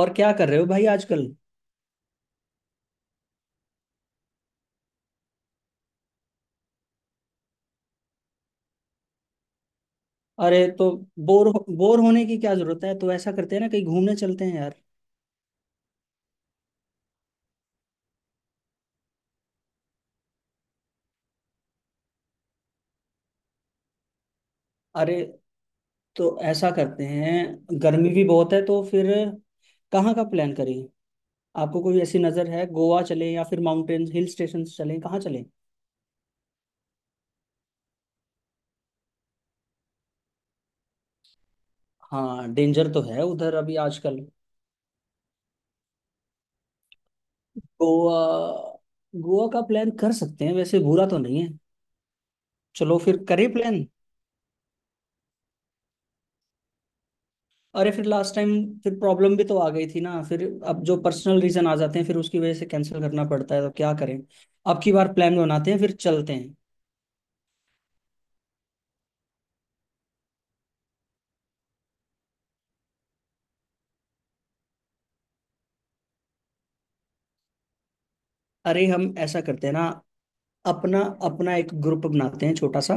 और क्या कर रहे हो भाई आजकल। अरे तो बोर बोर होने की क्या जरूरत है? तो ऐसा करते हैं ना, कहीं घूमने चलते हैं यार। अरे तो ऐसा करते हैं, गर्मी भी बहुत है तो फिर कहाँ का प्लान करें? आपको कोई ऐसी नज़र है, गोवा चलें या फिर माउंटेन हिल स्टेशन चलें, कहाँ चलें? हाँ, डेंजर तो है उधर अभी आजकल। गोवा, गोवा का प्लान कर सकते हैं, वैसे बुरा तो नहीं है। चलो फिर करें प्लान। अरे फिर लास्ट टाइम फिर प्रॉब्लम भी तो आ गई थी ना फिर। अब जो पर्सनल रीजन आ जाते हैं फिर उसकी वजह से कैंसिल करना पड़ता है तो क्या करें। अब की बार प्लान बनाते हैं फिर चलते हैं। अरे हम ऐसा करते हैं ना, अपना अपना एक ग्रुप बनाते हैं छोटा सा।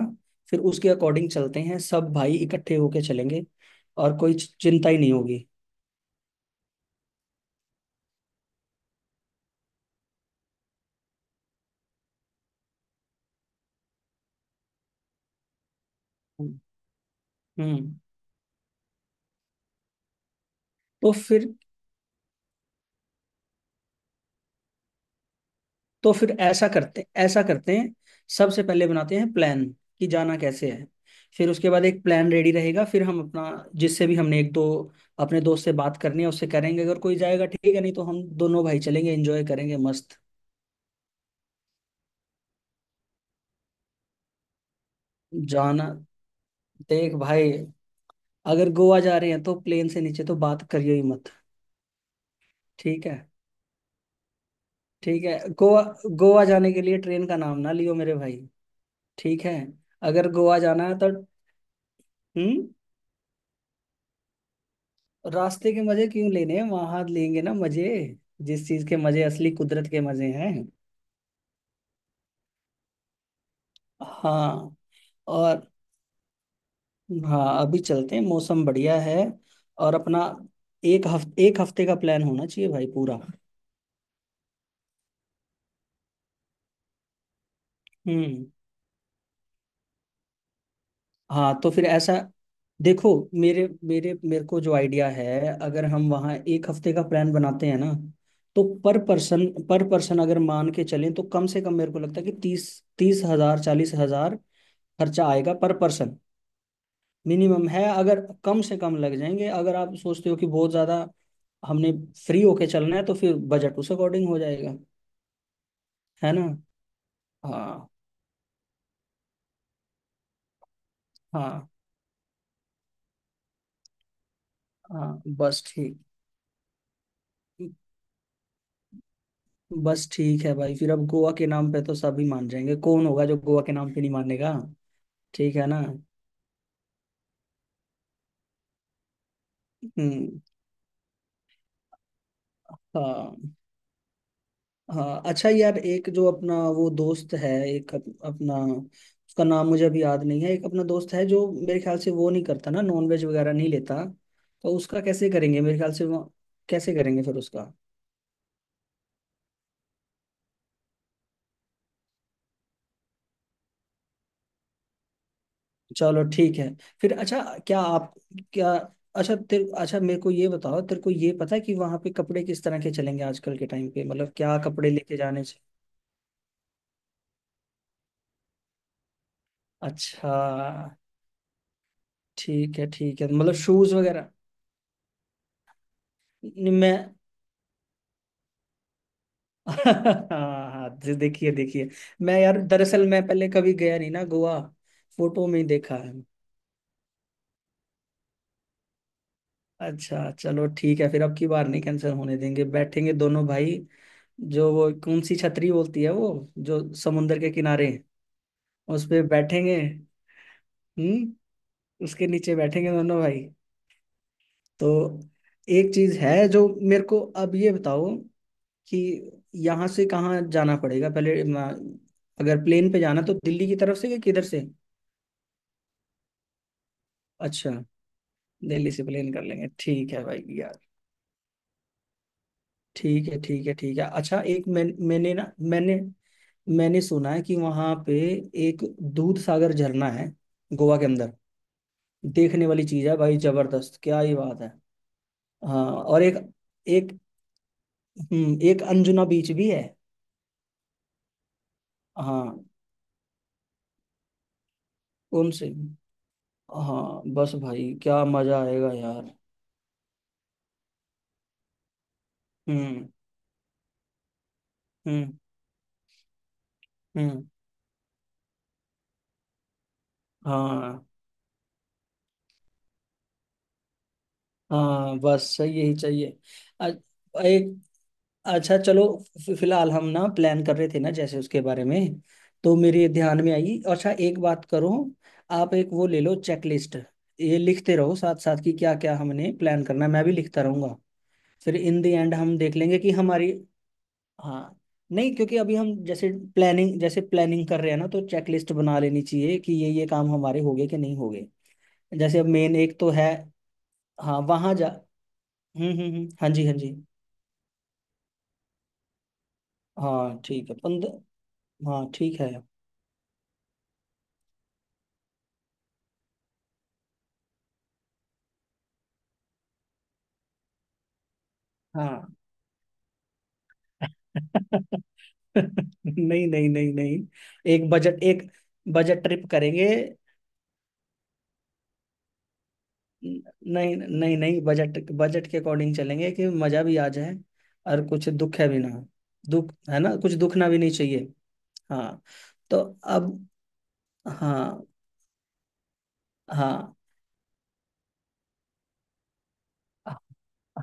फिर उसके अकॉर्डिंग चलते हैं सब भाई, इकट्ठे होके चलेंगे और कोई चिंता ही नहीं होगी। हम्म। हम्म। तो फिर तो फिर ऐसा करते हैं, सबसे पहले बनाते हैं प्लान कि जाना कैसे है। फिर उसके बाद एक प्लान रेडी रहेगा, फिर हम अपना जिससे भी हमने एक दो अपने दोस्त से बात करनी है उससे करेंगे। अगर कोई जाएगा ठीक है, नहीं तो हम दोनों भाई चलेंगे, एंजॉय करेंगे मस्त। जाना, देख भाई, अगर गोवा जा रहे हैं तो प्लेन से नीचे तो बात करियो ही मत। ठीक है। ठीक है, गोवा, गोवा जाने के लिए ट्रेन का नाम ना लियो मेरे भाई। ठीक है, अगर गोवा जाना है तो हम्म। रास्ते के मजे क्यों लेने, वहां लेंगे ना मजे, जिस चीज के मजे, असली कुदरत के मजे हैं। हाँ। और हाँ, अभी चलते हैं, मौसम बढ़िया है। और अपना एक हफ्ते, एक हफ्ते का प्लान होना चाहिए भाई पूरा। हम्म। हाँ तो फिर ऐसा देखो, मेरे मेरे मेरे को जो आइडिया है, अगर हम वहाँ एक हफ्ते का प्लान बनाते हैं ना, तो पर पर्सन अगर मान के चलें तो कम से कम मेरे को लगता है कि तीस, 30 हजार, 40 हजार खर्चा आएगा पर पर्सन। मिनिमम है, अगर कम से कम लग जाएंगे। अगर आप सोचते हो कि बहुत ज्यादा हमने फ्री होके चलना है तो फिर बजट उस अकॉर्डिंग हो जाएगा, है ना। हाँ, हाँ। हाँ बस ठीक। बस ठीक है भाई, फिर अब गोवा के नाम पे तो सभी मान जाएंगे, कौन होगा जो गोवा के नाम पे नहीं मानेगा। ठीक है ना। हम्म। हाँ, हाँ, अच्छा यार, एक जो अपना वो दोस्त है एक अपना, उसका नाम मुझे अभी याद नहीं है, एक अपना दोस्त है जो मेरे ख्याल से वो नहीं करता ना, नॉन वेज वगैरह नहीं लेता। तो उसका कैसे करेंगे? मेरे ख्याल से वो कैसे करेंगे फिर उसका। चलो ठीक है, फिर अच्छा, क्या आप, क्या, अच्छा तेरे, अच्छा मेरे को ये बताओ, तेरे को ये पता है कि वहाँ पे कपड़े किस तरह के चलेंगे आजकल के टाइम पे? मतलब क्या कपड़े लेके जाने चाहिए? अच्छा, ठीक है ठीक है, मतलब शूज वगैरह। नहीं, मैं, हाँ, हाँ, देखिए देखिए, मैं यार दरअसल मैं पहले कभी गया नहीं ना गोवा, फोटो में ही देखा है। अच्छा चलो ठीक है, फिर अब की बार नहीं कैंसिल होने देंगे, बैठेंगे दोनों भाई, जो वो कौन सी छतरी बोलती है वो, जो समुंदर के किनारे है, उस पे बैठेंगे। हम्म। उसके नीचे बैठेंगे दोनों भाई। तो एक चीज है जो मेरे को, अब ये बताओ कि यहाँ से कहाँ जाना पड़ेगा पहले, अगर प्लेन पे जाना, तो दिल्ली की तरफ से या किधर से? अच्छा, दिल्ली से प्लेन कर लेंगे, ठीक है भाई यार। ठीक है, ठीक है, ठीक है, अच्छा, एक मैंने ना, मैंने, मैंने सुना है कि वहां पे एक दूध सागर झरना है गोवा के अंदर। देखने वाली चीज है भाई, जबरदस्त, क्या ही बात है। हाँ, और एक, एक, एक अंजुना बीच भी है। हाँ, कौन से? हाँ बस भाई, क्या मजा आएगा यार। हम्म, हम्म, हम्म। हाँ। हाँ बस यही चाहिए। अ- एक, अच्छा चलो, फिलहाल हम ना प्लान कर रहे थे ना जैसे उसके बारे में, तो मेरे ध्यान में आई, अच्छा एक बात करो, आप एक वो ले लो चेकलिस्ट, ये लिखते रहो साथ साथ कि क्या क्या हमने प्लान करना है, मैं भी लिखता रहूंगा, फिर इन द एंड हम देख लेंगे कि हमारी। हाँ, नहीं क्योंकि अभी हम जैसे प्लानिंग कर रहे हैं ना, तो चेकलिस्ट बना लेनी चाहिए कि ये काम हमारे हो गए कि नहीं हो गए। जैसे अब मेन एक तो है। हाँ वहाँ जा। हम्म, हम्म, हम्म, हाँ जी, हाँ जी। हाँ ठीक है, 15। हाँ ठीक है। हाँ। नहीं नहीं नहीं नहीं, एक बजट, एक बजट ट्रिप करेंगे। न- नहीं नहीं नहीं, बजट, बजट के अकॉर्डिंग चलेंगे कि मजा भी आ जाए और कुछ दुख है भी ना हो। दुख है ना, कुछ दुखना भी नहीं चाहिए। हाँ। तो अब हाँ। हाँ,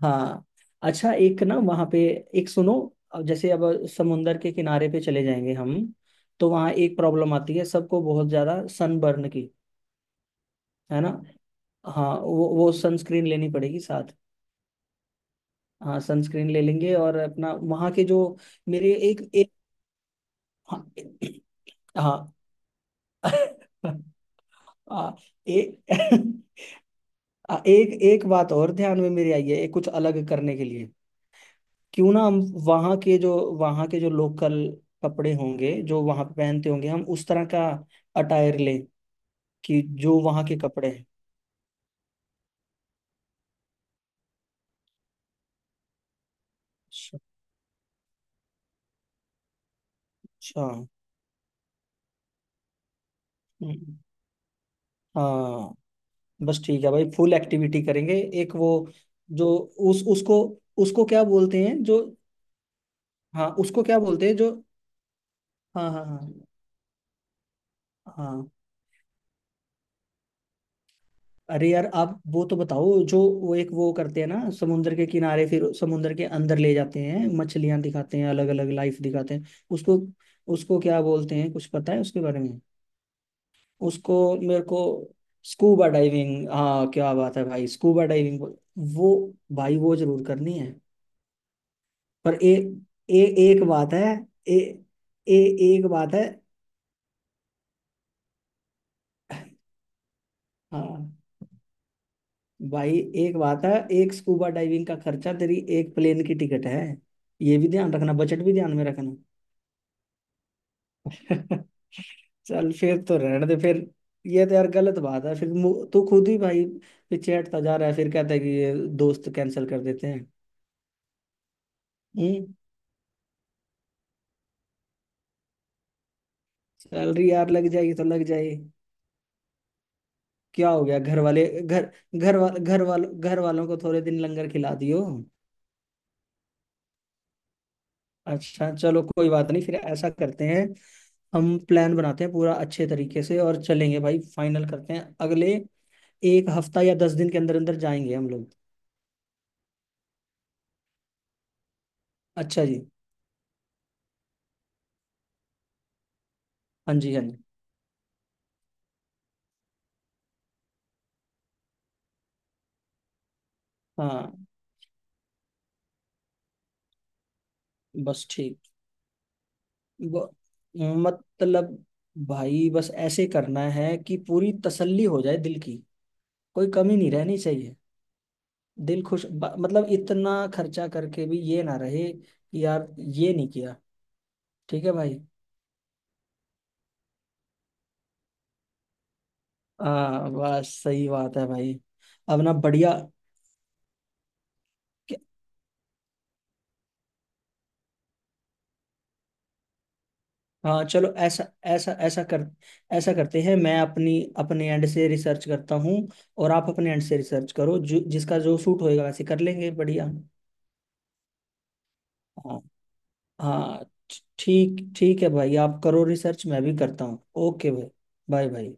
हाँ, अच्छा, एक ना वहाँ पे, एक सुनो, अब जैसे अब समुंदर के किनारे पे चले जाएंगे हम, तो वहाँ एक प्रॉब्लम आती है सबको बहुत ज्यादा सनबर्न की, है ना। हाँ, वो सनस्क्रीन लेनी पड़ेगी साथ। हाँ सनस्क्रीन ले लेंगे, और अपना वहाँ के जो, मेरे एक एक, हाँ, हाँ। हाँ, एक, एक एक बात और ध्यान में मेरी आई है, एक कुछ अलग करने के लिए। क्यों ना हम वहाँ के जो, लोकल कपड़े होंगे जो वहाँ पे पहनते होंगे, हम उस तरह का अटायर लें, कि जो वहाँ के कपड़े हैं। अच्छा, अच्छा, हम्म, हाँ बस ठीक है भाई, फुल एक्टिविटी करेंगे। एक वो, जो उस उसको, उसको क्या बोलते हैं जो, हाँ उसको क्या बोलते हैं जो, हाँ हाँ हाँ, हाँ, अरे यार आप वो तो बताओ, जो वो एक वो करते हैं ना समुद्र के किनारे, फिर समुद्र के अंदर ले जाते हैं, मछलियां दिखाते हैं, अलग अलग लाइफ दिखाते हैं, उसको, उसको क्या बोलते हैं, कुछ पता है उसके बारे में? उसको, मेरे को, स्कूबा डाइविंग, हाँ, क्या बात है भाई, स्कूबा डाइविंग वो, भाई वो जरूर करनी है। पर ए, ए, एक बात है, ए, ए, एक बात है। हाँ भाई, एक बात है, एक स्कूबा डाइविंग का खर्चा तेरी एक प्लेन की टिकट है, ये भी ध्यान रखना, बजट भी ध्यान में रखना। चल फिर तो रहने दे फिर, ये तो यार गलत बात है फिर, तू खुद ही भाई पीछे हटता जा रहा है, फिर कहता है कि ये दोस्त कैंसिल कर देते हैं। हम्म। सैलरी यार, लग जाएगी तो लग जाएगी, क्या हो गया, घर वाले घर, घर वाल, घर वाल, घर वालों को थोड़े दिन लंगर खिला दियो। अच्छा चलो, कोई बात नहीं, फिर ऐसा करते हैं, हम प्लान बनाते हैं पूरा अच्छे तरीके से और चलेंगे भाई, फाइनल करते हैं, अगले 1 हफ्ता या 10 दिन के अंदर अंदर जाएंगे हम लोग। अच्छा जी, हाँ जी, हाँ जी, हाँ बस ठीक, ब- मतलब भाई, बस ऐसे करना है कि पूरी तसल्ली हो जाए दिल की, कोई कमी नहीं रहनी चाहिए। दिल खुश, मतलब इतना खर्चा करके भी ये ना रहे कि यार ये नहीं किया। ठीक है भाई। हाँ बस सही बात है भाई। अब ना बढ़िया। हाँ चलो, ऐसा ऐसा ऐसा कर, ऐसा करते हैं, मैं अपनी, अपने एंड से रिसर्च करता हूँ, और आप अपने एंड से रिसर्च करो, जो जिसका जो सूट होएगा वैसे कर लेंगे बढ़िया। हाँ। हाँ, ठीक ठीक है भाई, आप करो रिसर्च, मैं भी करता हूँ, ओके भाई। बाय भाई।